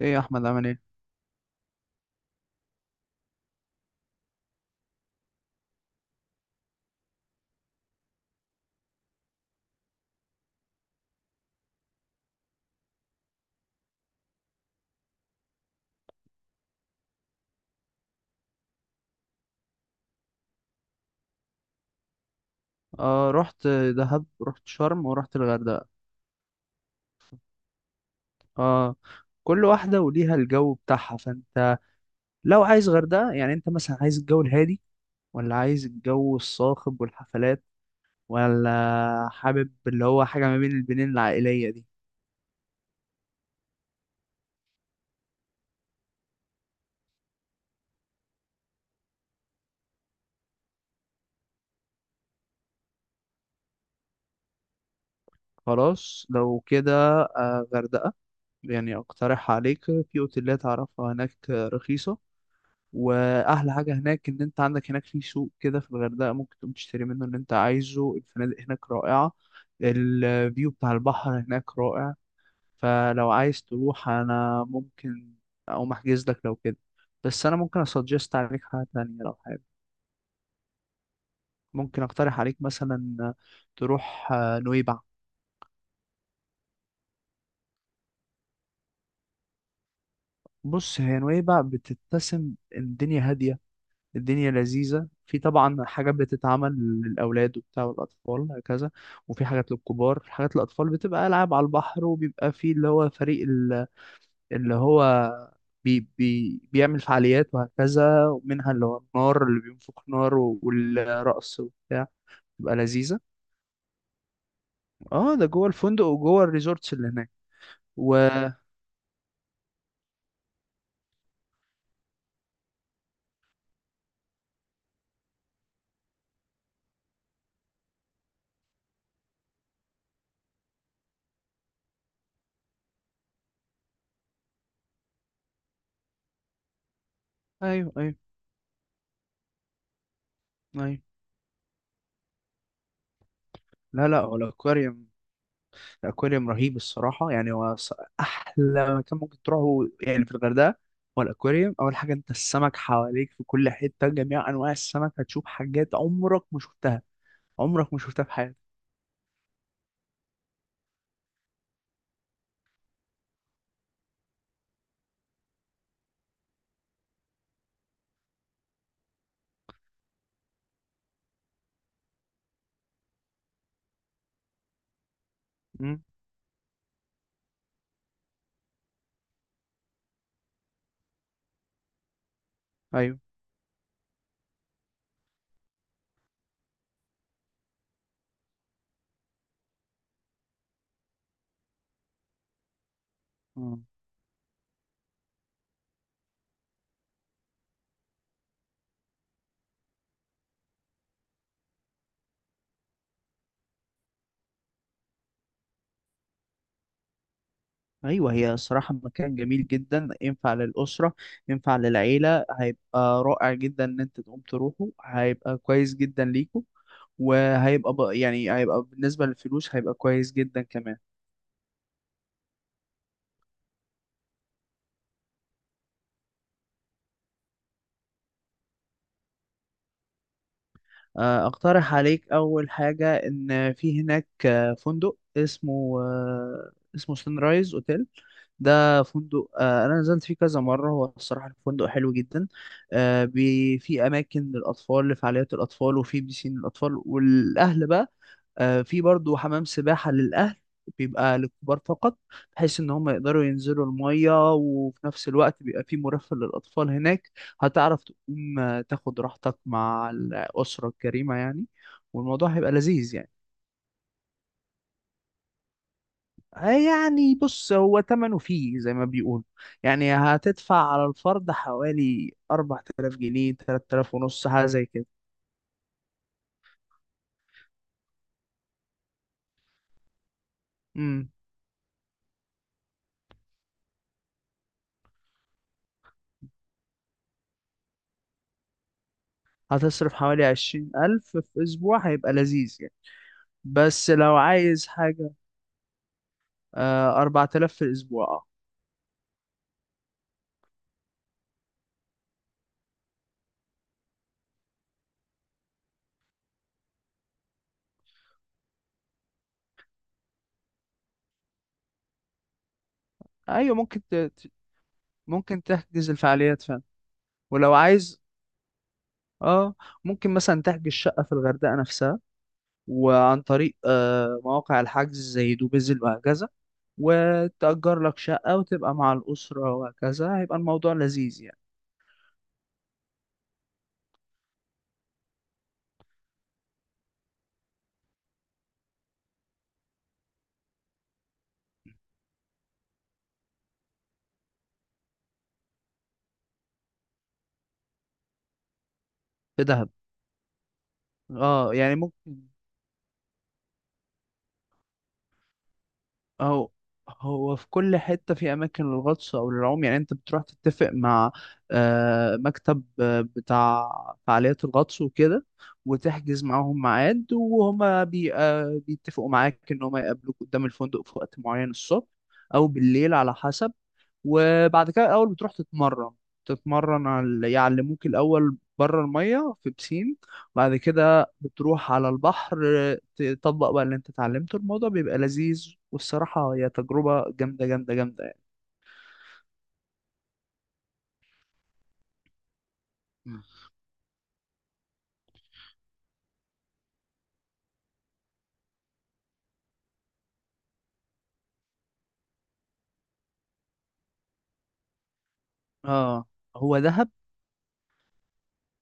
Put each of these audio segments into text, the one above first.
ايه يا احمد عامل ايه؟ اه رحت دهب، رحت شرم ورحت الغردقه. اه كل واحده وليها الجو بتاعها. فانت لو عايز غردقه، يعني انت مثلا عايز الجو الهادي ولا عايز الجو الصاخب والحفلات، ولا حابب اللي هو حاجه ما بين البنين العائليه دي؟ خلاص لو كده غردقه. يعني اقترح عليك في اوتيلات اعرفها هناك رخيصه. واحلى حاجه هناك ان انت عندك هناك في سوق كده في الغردقه، ممكن تقوم تشتري منه اللي انت عايزه. الفنادق هناك رائعه، الفيو بتاع البحر هناك رائع. فلو عايز تروح انا ممكن اقوم احجز لك لو كده. بس انا ممكن اسجست عليك حاجه تانية لو حابب. ممكن اقترح عليك مثلا تروح نويبع. بص هي نويبع بتتسم، الدنيا هاديه، الدنيا لذيذة. في طبعا حاجات بتتعمل للأولاد وبتاع والأطفال وهكذا، وفي حاجات للكبار، حاجات للأطفال بتبقى ألعاب على البحر، وبيبقى في اللي هو فريق ال- اللي هو بي بي بيعمل فعاليات وهكذا، ومنها اللي هو النار اللي بينفخ نار والرقص وبتاع. تبقى لذيذة. اه ده جوه الفندق وجوه الريزورتس اللي هناك. و أيوه أيوه أيوه. لا، هو الأكواريوم، الأكواريوم رهيب الصراحة. يعني أحلى مكان ممكن تروحه يعني في الغردقة هو الأكواريوم. أول حاجة أنت السمك حواليك في كل حتة، جميع أنواع السمك، هتشوف حاجات عمرك ما شفتها، عمرك ما شفتها في حياتك. مم. أيوه. مم. أيوه هي الصراحة مكان جميل جدا، ينفع للأسرة ينفع للعيلة. هيبقى رائع جدا إن أنت تقوم تروحه، هيبقى كويس جدا ليكم. وهيبقى ب- يعني هيبقى بالنسبة للفلوس هيبقى كويس جدا كمان. اقترح عليك اول حاجة ان في هناك فندق اسمه سان رايز اوتيل. ده فندق، انا نزلت فيه كذا مرة. هو الصراحة الفندق حلو جدا. في اماكن للاطفال لفعاليات الاطفال، وفي بيسين للاطفال والاهل بقى. في برضو حمام سباحة للأهل بيبقى للكبار فقط، بحيث ان هم يقدروا ينزلوا المية، وفي نفس الوقت بيبقى في مرافق للأطفال هناك. هتعرف تقوم تاخد راحتك مع الأسرة الكريمة يعني، والموضوع هيبقى لذيذ يعني. يعني بص هو تمنه فيه زي ما بيقولوا. يعني هتدفع على الفرد حوالي 4000 جنيه، 3000 ونص، حاجة زي كده. امم هتصرف حوالي 20,000 في أسبوع، هيبقى لذيذ يعني. بس لو عايز حاجة، آه 4,000 في الأسبوع. اه أيوة ممكن تحجز الفعاليات فعلا. ولو عايز، اه ممكن مثلا تحجز شقة في الغردقة نفسها، وعن طريق مواقع الحجز زي دوبيزل وهكذا، وتأجر لك شقة وتبقى مع الأسرة وهكذا، هيبقى الموضوع لذيذ يعني. في دهب، اه يعني ممكن. أو هو في كل حتة في أماكن للغطس أو للعوم. يعني أنت بتروح تتفق مع مكتب بتاع فعاليات الغطس وكده، وتحجز معاهم ميعاد، وهما بي آه، بيتفقوا معاك إن هما يقابلوك قدام الفندق في وقت معين الصبح أو بالليل على حسب. وبعد كده الاول بتروح تتمرن، يعلموك الاول بره الميه في بسين. بعد كده بتروح على البحر، تطبق بقى اللي انت اتعلمته. الموضوع بيبقى لذيذ، والصراحه هي تجربه جامده جامده جامده يعني. مم. اه هو دهب.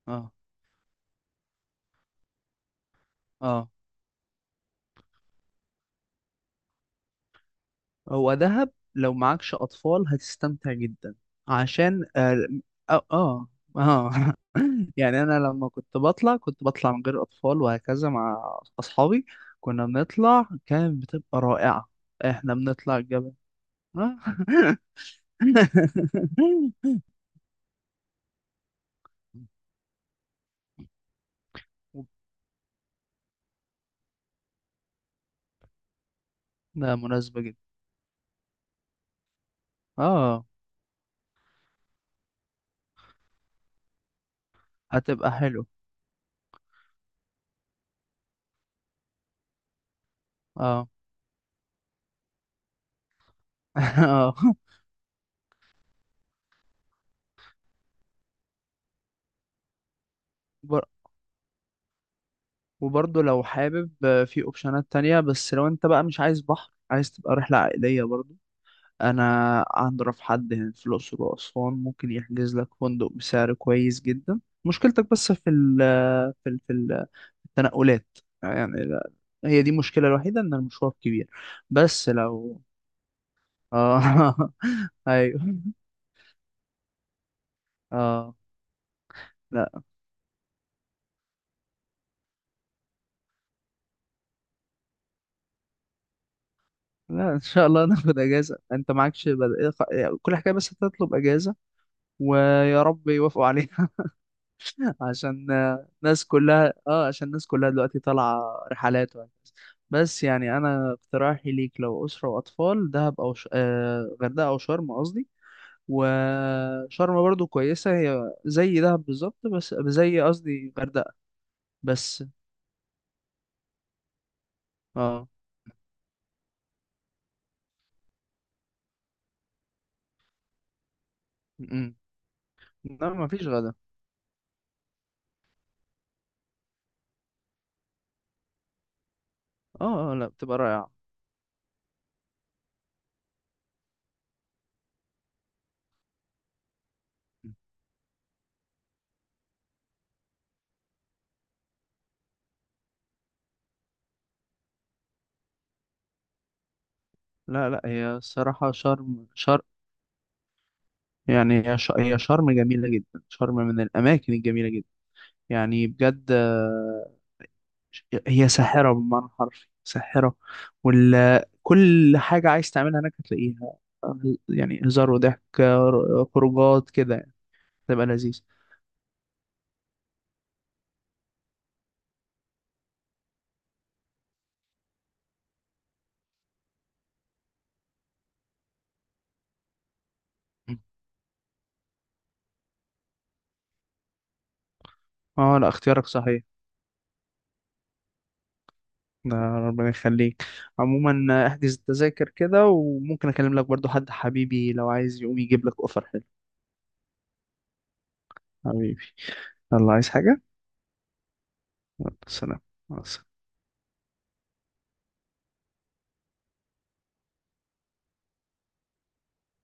اه. اه هو دهب لو معكش أطفال هتستمتع جدا، عشان آه آه, آه. يعني أنا لما كنت بطلع كنت بطلع من غير أطفال وهكذا مع أصحابي، كنا بنطلع كانت بتبقى رائعة. إحنا بنطلع الجبل. آه. ده مناسبة جدا. آه هتبقى حلو. آه آه وبر- وبرضه لو حابب، في أوبشنات تانية. بس لو أنت بقى مش عايز بحر، عايز تبقى رحلة عائلية برضه، انا اعرف حد هنا في الاقصر واسوان ممكن يحجز لك فندق بسعر كويس جدا. مشكلتك بس في في ال في ال- التنقلات يعني. هي دي المشكله الوحيده، ان المشوار كبير. بس لو اه ايوه. اه لا لا ان شاء الله ناخد اجازه. انت كل حكايه بس تطلب اجازه، ويا رب يوافقوا عليها. عشان الناس كلها، اه عشان الناس كلها دلوقتي طالعة رحلات وهكذا. بس يعني انا اقتراحي ليك لو اسرة واطفال، دهب او ش... آه غردقة او شرم قصدي وشرم برضو كويسة، هي زي دهب بالظبط، بس قصدي غردقة. بس اه. م-م. لا ما فيش غدا. اه لا بتبقى رائعة. لا، هي الصراحة شرم شرم. يعني هي شرم جميلة جدا، شرم من الأماكن الجميلة جدا يعني بجد. هي ساحرة بمعنى حرفي، ساحرة. وال كل حاجة عايز تعملها هناك هتلاقيها، يعني هزار وضحك، خروجات كده يعني، تبقى لذيذ. اه لا اختيارك صحيح، ده ربنا يخليك. عموما احجز التذاكر كده، وممكن اكلم لك برضو حد حبيبي لو عايز يقوم يجيب لك اوفر حلو. حبيبي، الله عايز حاجة؟ يلا، سلام. مع السلامة.